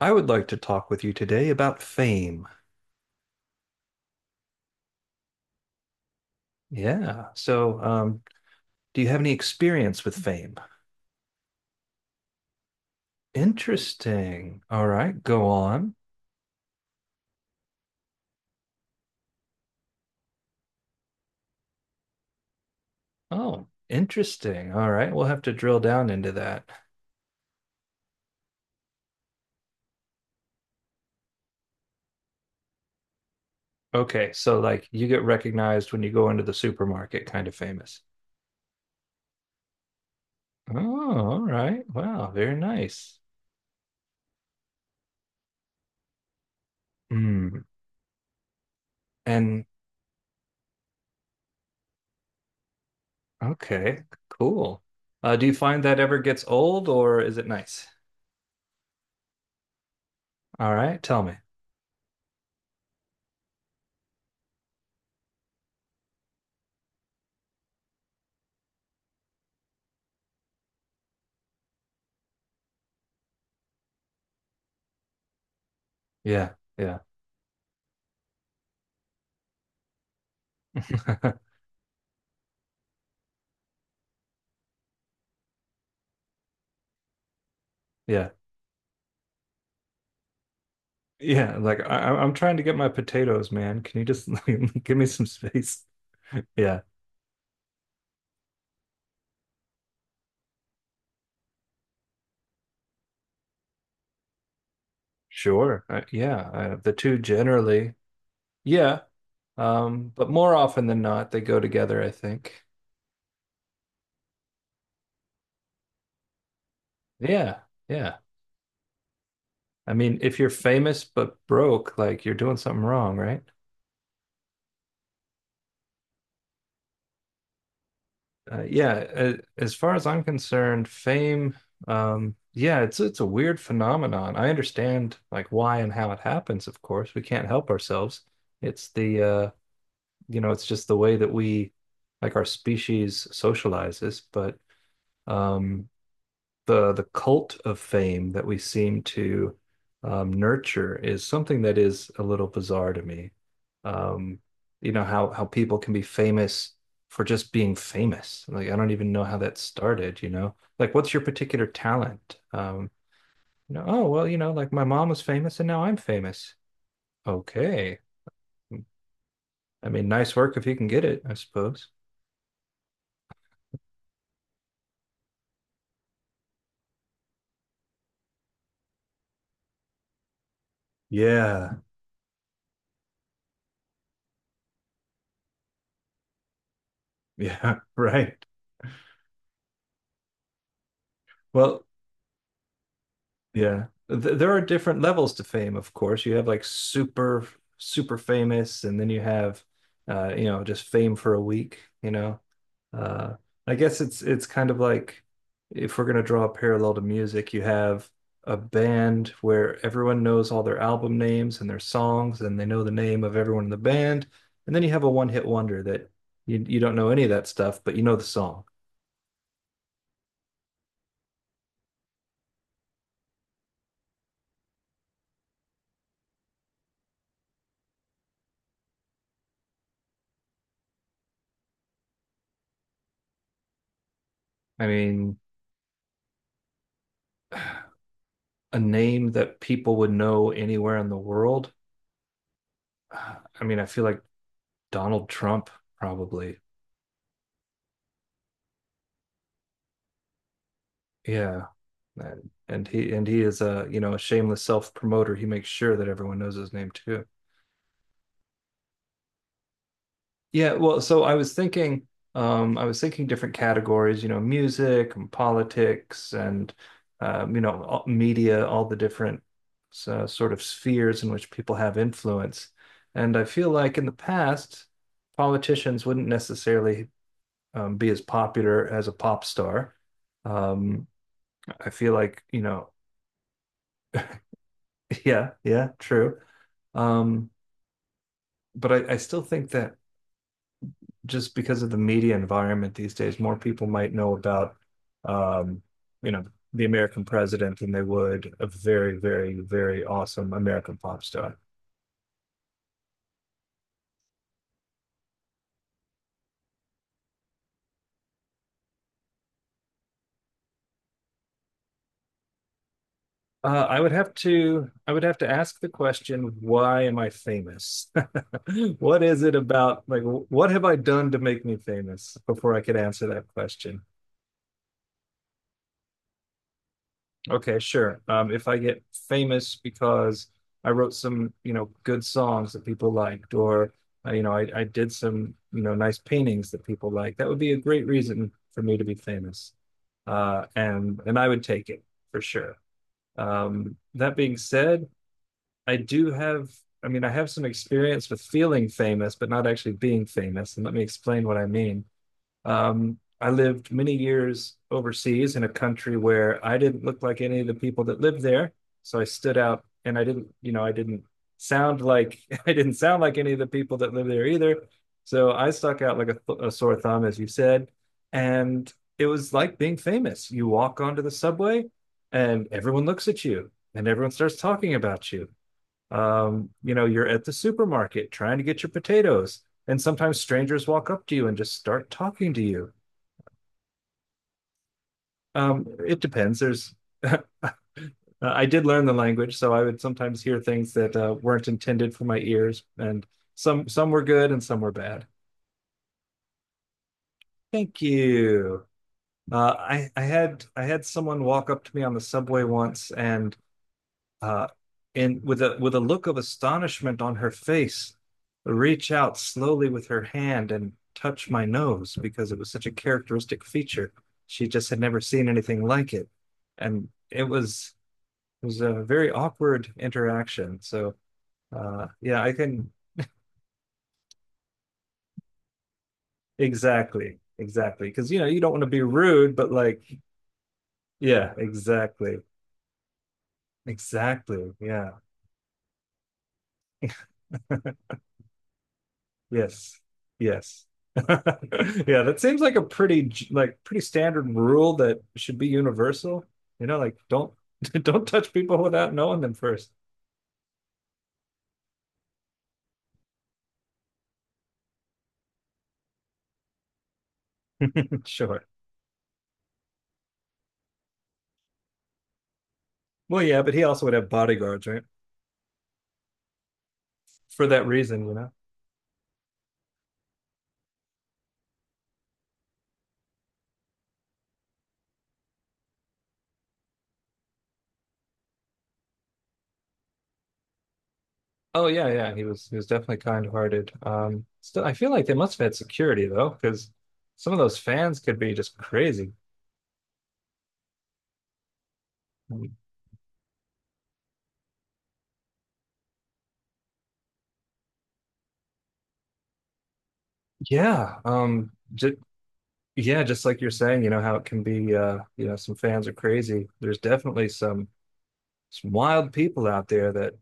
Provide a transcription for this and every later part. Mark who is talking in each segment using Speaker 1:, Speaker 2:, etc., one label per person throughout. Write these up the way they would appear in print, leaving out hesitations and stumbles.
Speaker 1: I would like to talk with you today about fame. Yeah. Do you have any experience with fame? Interesting. All right, go on. Oh, interesting. All right, we'll have to drill down into that. Okay, so like you get recognized when you go into the supermarket, kind of famous. Oh, all right. Wow, very nice. Hmm. And okay, cool. Do you find that ever gets old or is it nice? All right, tell me. Yeah, yeah, yeah. Yeah, like I'm trying to get my potatoes, man. Can you just give me some space? Yeah, sure. Yeah, the two generally, yeah. But more often than not, they go together, I think. Yeah, yeah. I mean, if you're famous but broke, like you're doing something wrong, right? Yeah. As far as I'm concerned, fame, yeah, it's a weird phenomenon. I understand like why and how it happens, of course. We can't help ourselves. It's the You know, it's just the way that we, like our species, socializes. But um, the cult of fame that we seem to nurture is something that is a little bizarre to me. Um, you know how people can be famous for just being famous. Like I don't even know how that started. You know, like what's your particular talent? You know, oh well, you know, like my mom was famous and now I'm famous. Okay, I mean, nice work if you can get it, I suppose. Yeah. Yeah, right. Well, yeah. Th There are different levels to fame, of course. You have like super, super famous, and then you have, you know, just fame for a week, you know. Uh, I guess it's kind of like if we're gonna draw a parallel to music, you have a band where everyone knows all their album names and their songs, and they know the name of everyone in the band, and then you have a one-hit wonder that you don't know any of that stuff, but you know the song. I mean. A name that people would know anywhere in the world, I mean, I feel like Donald Trump probably. Yeah. And he is a, you know, a shameless self promoter. He makes sure that everyone knows his name too. Yeah, well, so I was thinking different categories, you know, music and politics and you know, media, all the different sort of spheres in which people have influence. And I feel like in the past, politicians wouldn't necessarily be as popular as a pop star. Um, I feel like, you know, yeah, yeah, true. Um, but I still think that just because of the media environment these days, more people might know about, um, you know, the American president than they would a very, very, very awesome American pop star. I would have to ask the question, why am I famous? What is it about like what have I done to make me famous before I could answer that question? Okay, sure. If I get famous because I wrote some, you know, good songs that people liked, or you know, I did some, you know, nice paintings that people liked, that would be a great reason for me to be famous. And I would take it for sure. That being said, I do have, I mean, I have some experience with feeling famous, but not actually being famous. And let me explain what I mean. I lived many years overseas in a country where I didn't look like any of the people that lived there. So I stood out and I didn't, you know, I didn't sound like, I didn't sound like any of the people that live there either. So I stuck out like a sore thumb, as you said. And it was like being famous. You walk onto the subway and everyone looks at you and everyone starts talking about you, you know, you're at the supermarket trying to get your potatoes, and sometimes strangers walk up to you and just start talking to you. It depends. There's, uh, I did learn the language, so I would sometimes hear things that weren't intended for my ears, and some were good and some were bad. Thank you. I had someone walk up to me on the subway once and uh, with a look of astonishment on her face, reach out slowly with her hand and touch my nose because it was such a characteristic feature. She just had never seen anything like it, and it was a very awkward interaction. So yeah, I can. Exactly, exactly, because you know you don't want to be rude, but like yeah, exactly, exactly, yeah. Yes. Yes. Yeah, that seems like a pretty like pretty standard rule that should be universal. You know, like don't don't touch people without knowing them first. Sure. Well, yeah, but he also would have bodyguards, right? For that reason, you know. Oh yeah, yeah. He was definitely kind-hearted. Still, I feel like they must have had security though, because some of those fans could be just crazy. Um, Yeah. Just, yeah, just like you're saying, you know how it can be. You know, some fans are crazy. There's definitely some wild people out there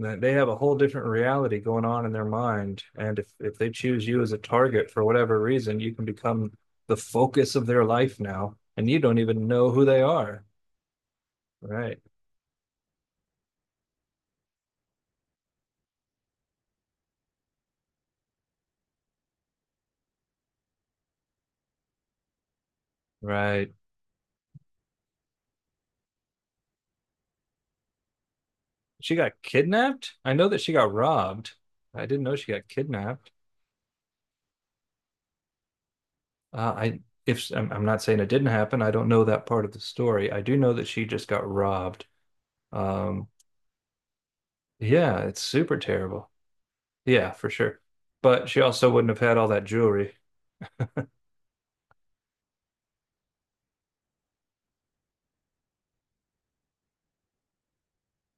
Speaker 1: that they have a whole different reality going on in their mind. And if they choose you as a target for whatever reason, you can become the focus of their life now, and you don't even know who they are. Right, right. She got kidnapped. I know that she got robbed. I didn't know she got kidnapped. I if I'm, I'm not saying it didn't happen. I don't know that part of the story. I do know that she just got robbed. Um, yeah, it's super terrible. Yeah, for sure. But she also wouldn't have had all that jewelry.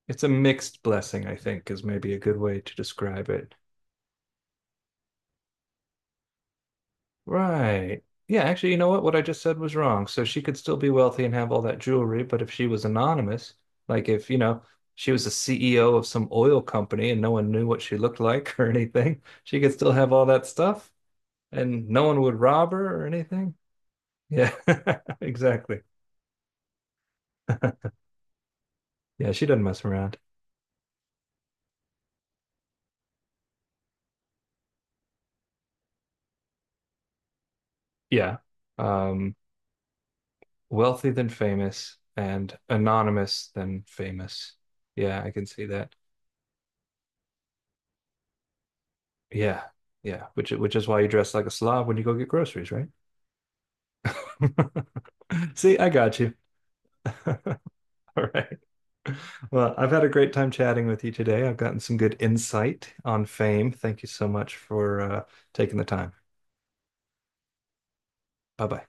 Speaker 1: It's a mixed blessing, I think, is maybe a good way to describe it. Right. Yeah, actually, you know what? What I just said was wrong. So she could still be wealthy and have all that jewelry, but if she was anonymous, like if, you know, she was the CEO of some oil company and no one knew what she looked like or anything, she could still have all that stuff and no one would rob her or anything. Yeah, exactly. Yeah, she doesn't mess around. Yeah. Um, wealthy than famous and anonymous than famous. Yeah, I can see that. Yeah. Yeah, which is why you dress like a slob when you go get groceries, right? See, I got you. All right. Well, I've had a great time chatting with you today. I've gotten some good insight on fame. Thank you so much for taking the time. Bye bye.